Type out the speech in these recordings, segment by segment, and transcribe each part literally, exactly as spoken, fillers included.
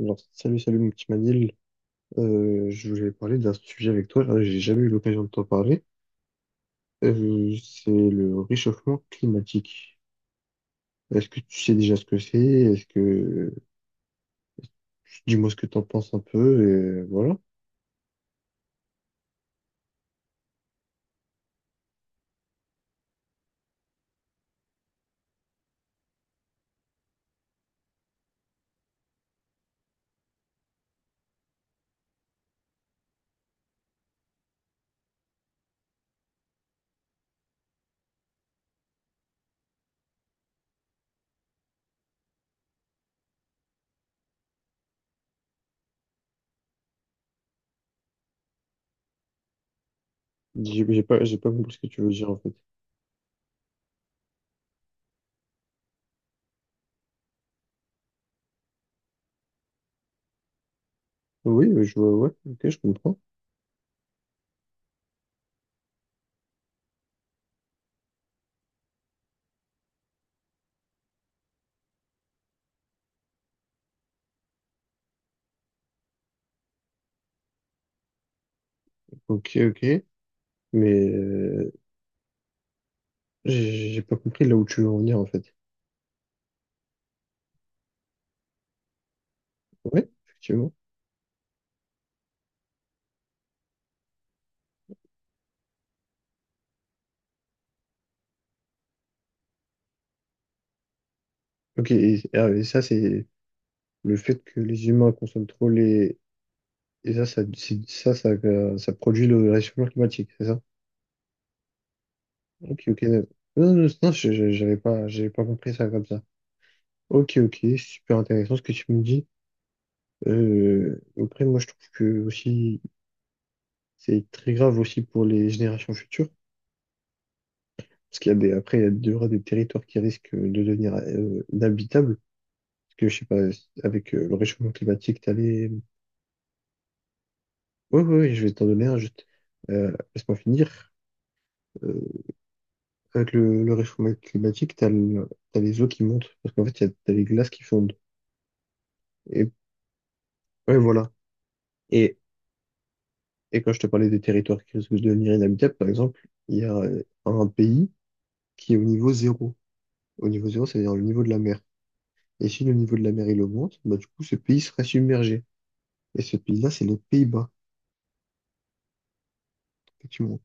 Alors, salut, salut mon petit Manil. Euh, je voulais parler d'un sujet avec toi. Là, j'ai jamais eu l'occasion de t'en parler. Euh, c'est le réchauffement climatique. Est-ce que tu sais déjà ce que c'est? Est-ce que Dis-moi ce que t'en penses un peu et voilà. J'ai j'ai pas, j'ai pas compris ce que tu veux dire en fait. Oui, euh, je vois, ouais, ok, je comprends. Ok, ok, mais euh, j'ai j'ai pas compris là où tu veux en venir en fait. Ouais, effectivement. Ok, et, ah, et ça c'est le fait que les humains consomment trop les... Et ça, ça, c'est- ça, ça, euh, ça produit le réchauffement climatique, c'est ça? Ok, ok. Non, non, non, non, je- je- j'avais pas, j'avais pas compris ça comme ça. Ok, ok, super intéressant ce que tu me dis. Euh, après, moi, je trouve que aussi, c'est très grave aussi pour les générations futures. Parce qu'il y a des, après, il y a des, il y aura des territoires qui risquent de devenir euh, inhabitables. Parce que, je sais pas, avec euh, le réchauffement climatique, t'as les... Ouais, ouais, ouais, je vais t'en donner un, juste. Euh, laisse-moi finir. Euh, Avec le, le réchauffement climatique, t'as le- t'as les eaux qui montent, parce qu'en fait, y a- t'as les glaces qui fondent. Et ouais, voilà. Et, et quand je te parlais des territoires qui risquent de devenir inhabitables, par exemple, il y a euh, un pays qui est au niveau zéro. Au niveau zéro, c'est-à-dire le niveau de la mer. Et si le niveau de la mer, il augmente, bah, du coup, ce pays serait submergé. Et ce pays-là, c'est les Pays-Bas, effectivement.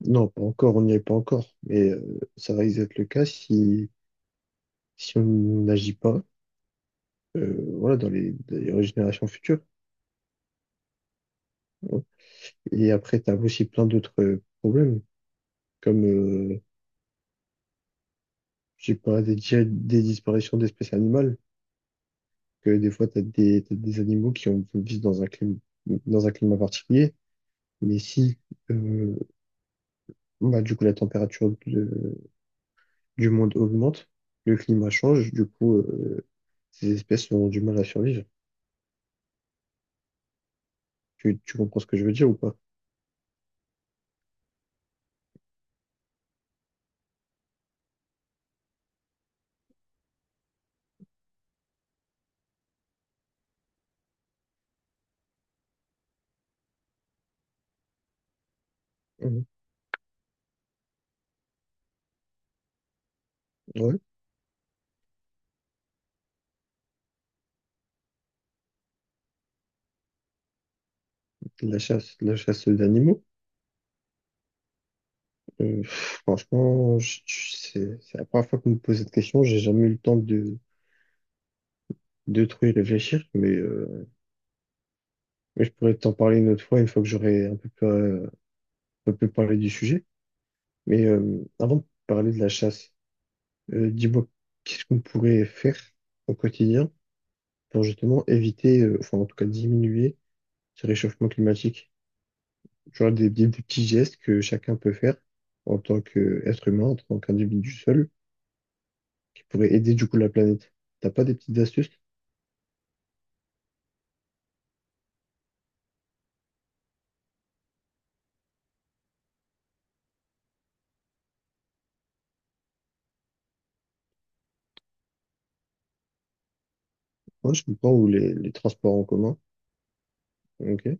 Non, pas encore, on n'y est pas encore. Mais euh, ça risque d'être le cas si, si on n'agit pas, euh, voilà, dans les, dans les générations futures. Et après, tu as aussi plein d'autres problèmes, comme, euh, je sais pas, des, déjà des disparitions d'espèces animales, que des fois, tu as des, t'as des animaux qui ont, vivent dans un climat, dans un climat particulier, mais si, euh, bah, du coup, la température de- du monde augmente, le climat change, du coup, euh, ces espèces auront du mal à survivre. Tu, tu comprends ce que je veux dire ou pas? Mhm. Ouais, de la chasse, de la chasse aux animaux. Euh, franchement, je- je- c'est c'est la première fois que vous me posez cette question. J'ai jamais eu le temps de, de trop y réfléchir, mais, euh, mais je pourrais t'en parler une autre fois, une fois que j'aurai un peu, plus, euh, un peu plus parlé du sujet. Mais euh, avant de parler de la chasse, Euh, dis-moi, qu'est-ce qu'on pourrait faire au quotidien pour justement éviter, euh, enfin en tout cas diminuer ce réchauffement climatique? Tu vois, des, des- des petits gestes que chacun peut faire en tant qu'être humain, en tant qu'individu seul, qui pourraient aider du coup la planète. T'as pas des petites astuces? Moi, je comprends, ou les, les transports en commun. Ok,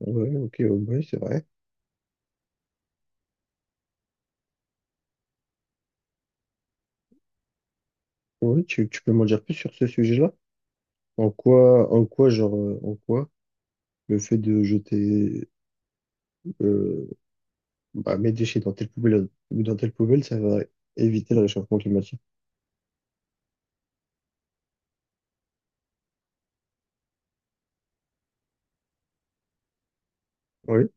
ouais, ok, ouais, ouais, c'est vrai. Ouais, tu, tu peux m'en dire plus sur ce sujet-là? En quoi, en quoi, genre, euh, en quoi le fait de jeter euh, bah, mes déchets dans telle poubelle, ou dans telle poubelle, ça va éviter le réchauffement climatique. Oui,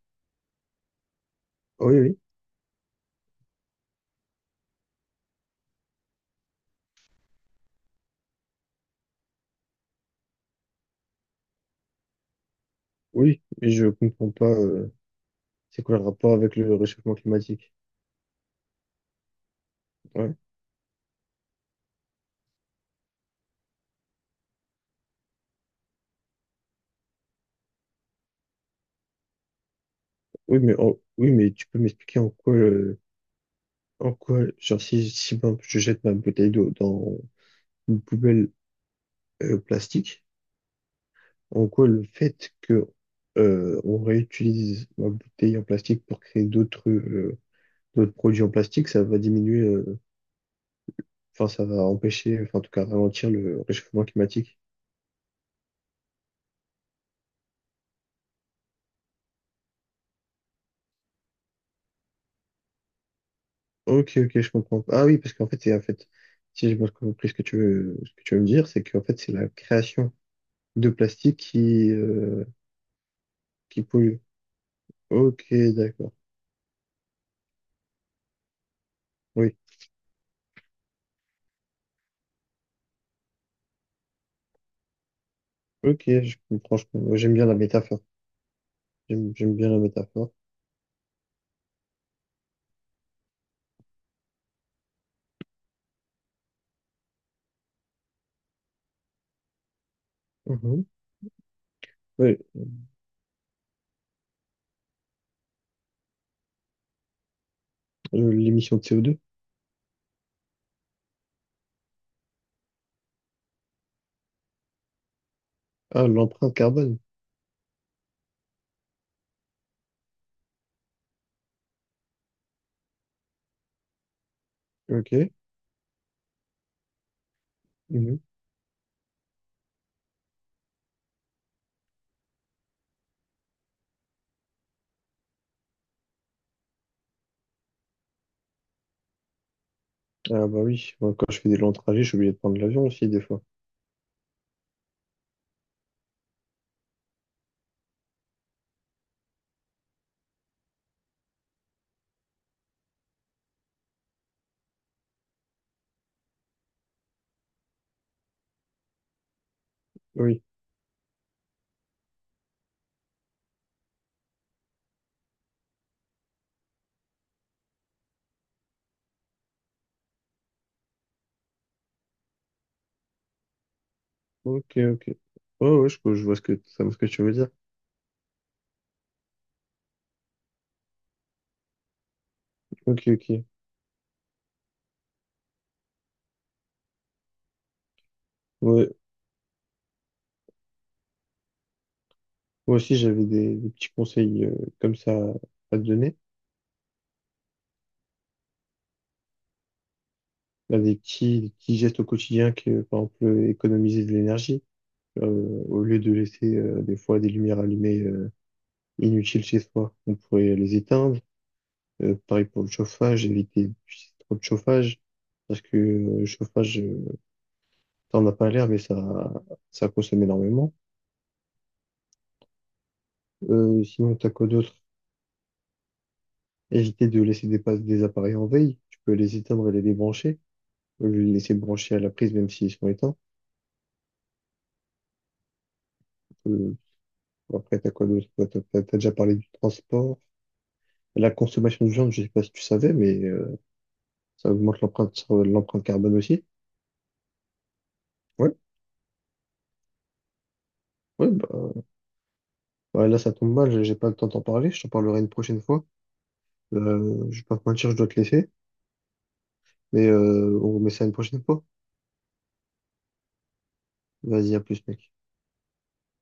oui, oui, oui, mais je comprends pas, euh, c'est quoi le rapport avec le réchauffement climatique? Ouais. Oui, mais en- oui, mais tu peux m'expliquer en quoi, euh, en quoi, genre si, si par exemple, je jette ma bouteille d'eau dans une poubelle euh, plastique, en quoi le fait que euh, on réutilise ma bouteille en plastique pour créer d'autres euh, d'autres produits en plastique, ça va diminuer euh, enfin, ça va empêcher, enfin, en tout cas, ralentir le réchauffement climatique. Ok, ok, je comprends. Ah oui, parce qu'en fait, c'est en fait, si j'ai bien compris ce que tu veux, ce que tu veux me dire, c'est qu'en fait, c'est la création de plastique qui, euh, qui pollue. Ok, d'accord. Oui. Ok, je comprends. Je comprends. J'aime bien la métaphore. J'aime, j'aime bien la métaphore. Mhm. Oui, euh, l'émission de C O deux. Ah, l'empreinte carbone. Ok. Mhm. Ah bah oui, moi, quand je fais des longs trajets, je suis obligé de prendre l'avion aussi des fois. Oui. Ok, ok. Ouais, ouais, je, je vois ce que, ça- ce que tu veux dire. Ok, ok. Ouais. Moi aussi, j'avais des, des petits conseils euh, comme ça à te donner. Là, des petits, des petits gestes au quotidien que, par exemple, euh, économiser de l'énergie. Euh, Au lieu de laisser euh, des fois des lumières allumées euh, inutiles chez soi, on pourrait les éteindre. Euh, pareil pour le chauffage, éviter d'utiliser trop de chauffage. Parce que euh, le chauffage, euh, t'en as pas l'air, mais ça, ça consomme énormément. Euh, sinon, t'as quoi d'autre? Éviter de laisser des, pas- des appareils en veille. Tu peux les éteindre et les débrancher. Au lieu de les laisser brancher à la prise, même s'ils sont éteints. Euh, Après, t'as quoi d'autre? Quoi, t'as, t'as- t'as déjà parlé du transport. La consommation de viande, je sais pas si tu savais, mais euh, ça augmente l'empreinte sur- l'empreinte carbone aussi. Ouais, ouais, bah, bah là, ça tombe mal, j'ai j'ai pas le temps d'en parler. Je t'en parlerai une prochaine fois. Euh, je vais pas te mentir, je dois te laisser. Mais euh, on remet ça une prochaine fois. Vas-y, à plus, mec.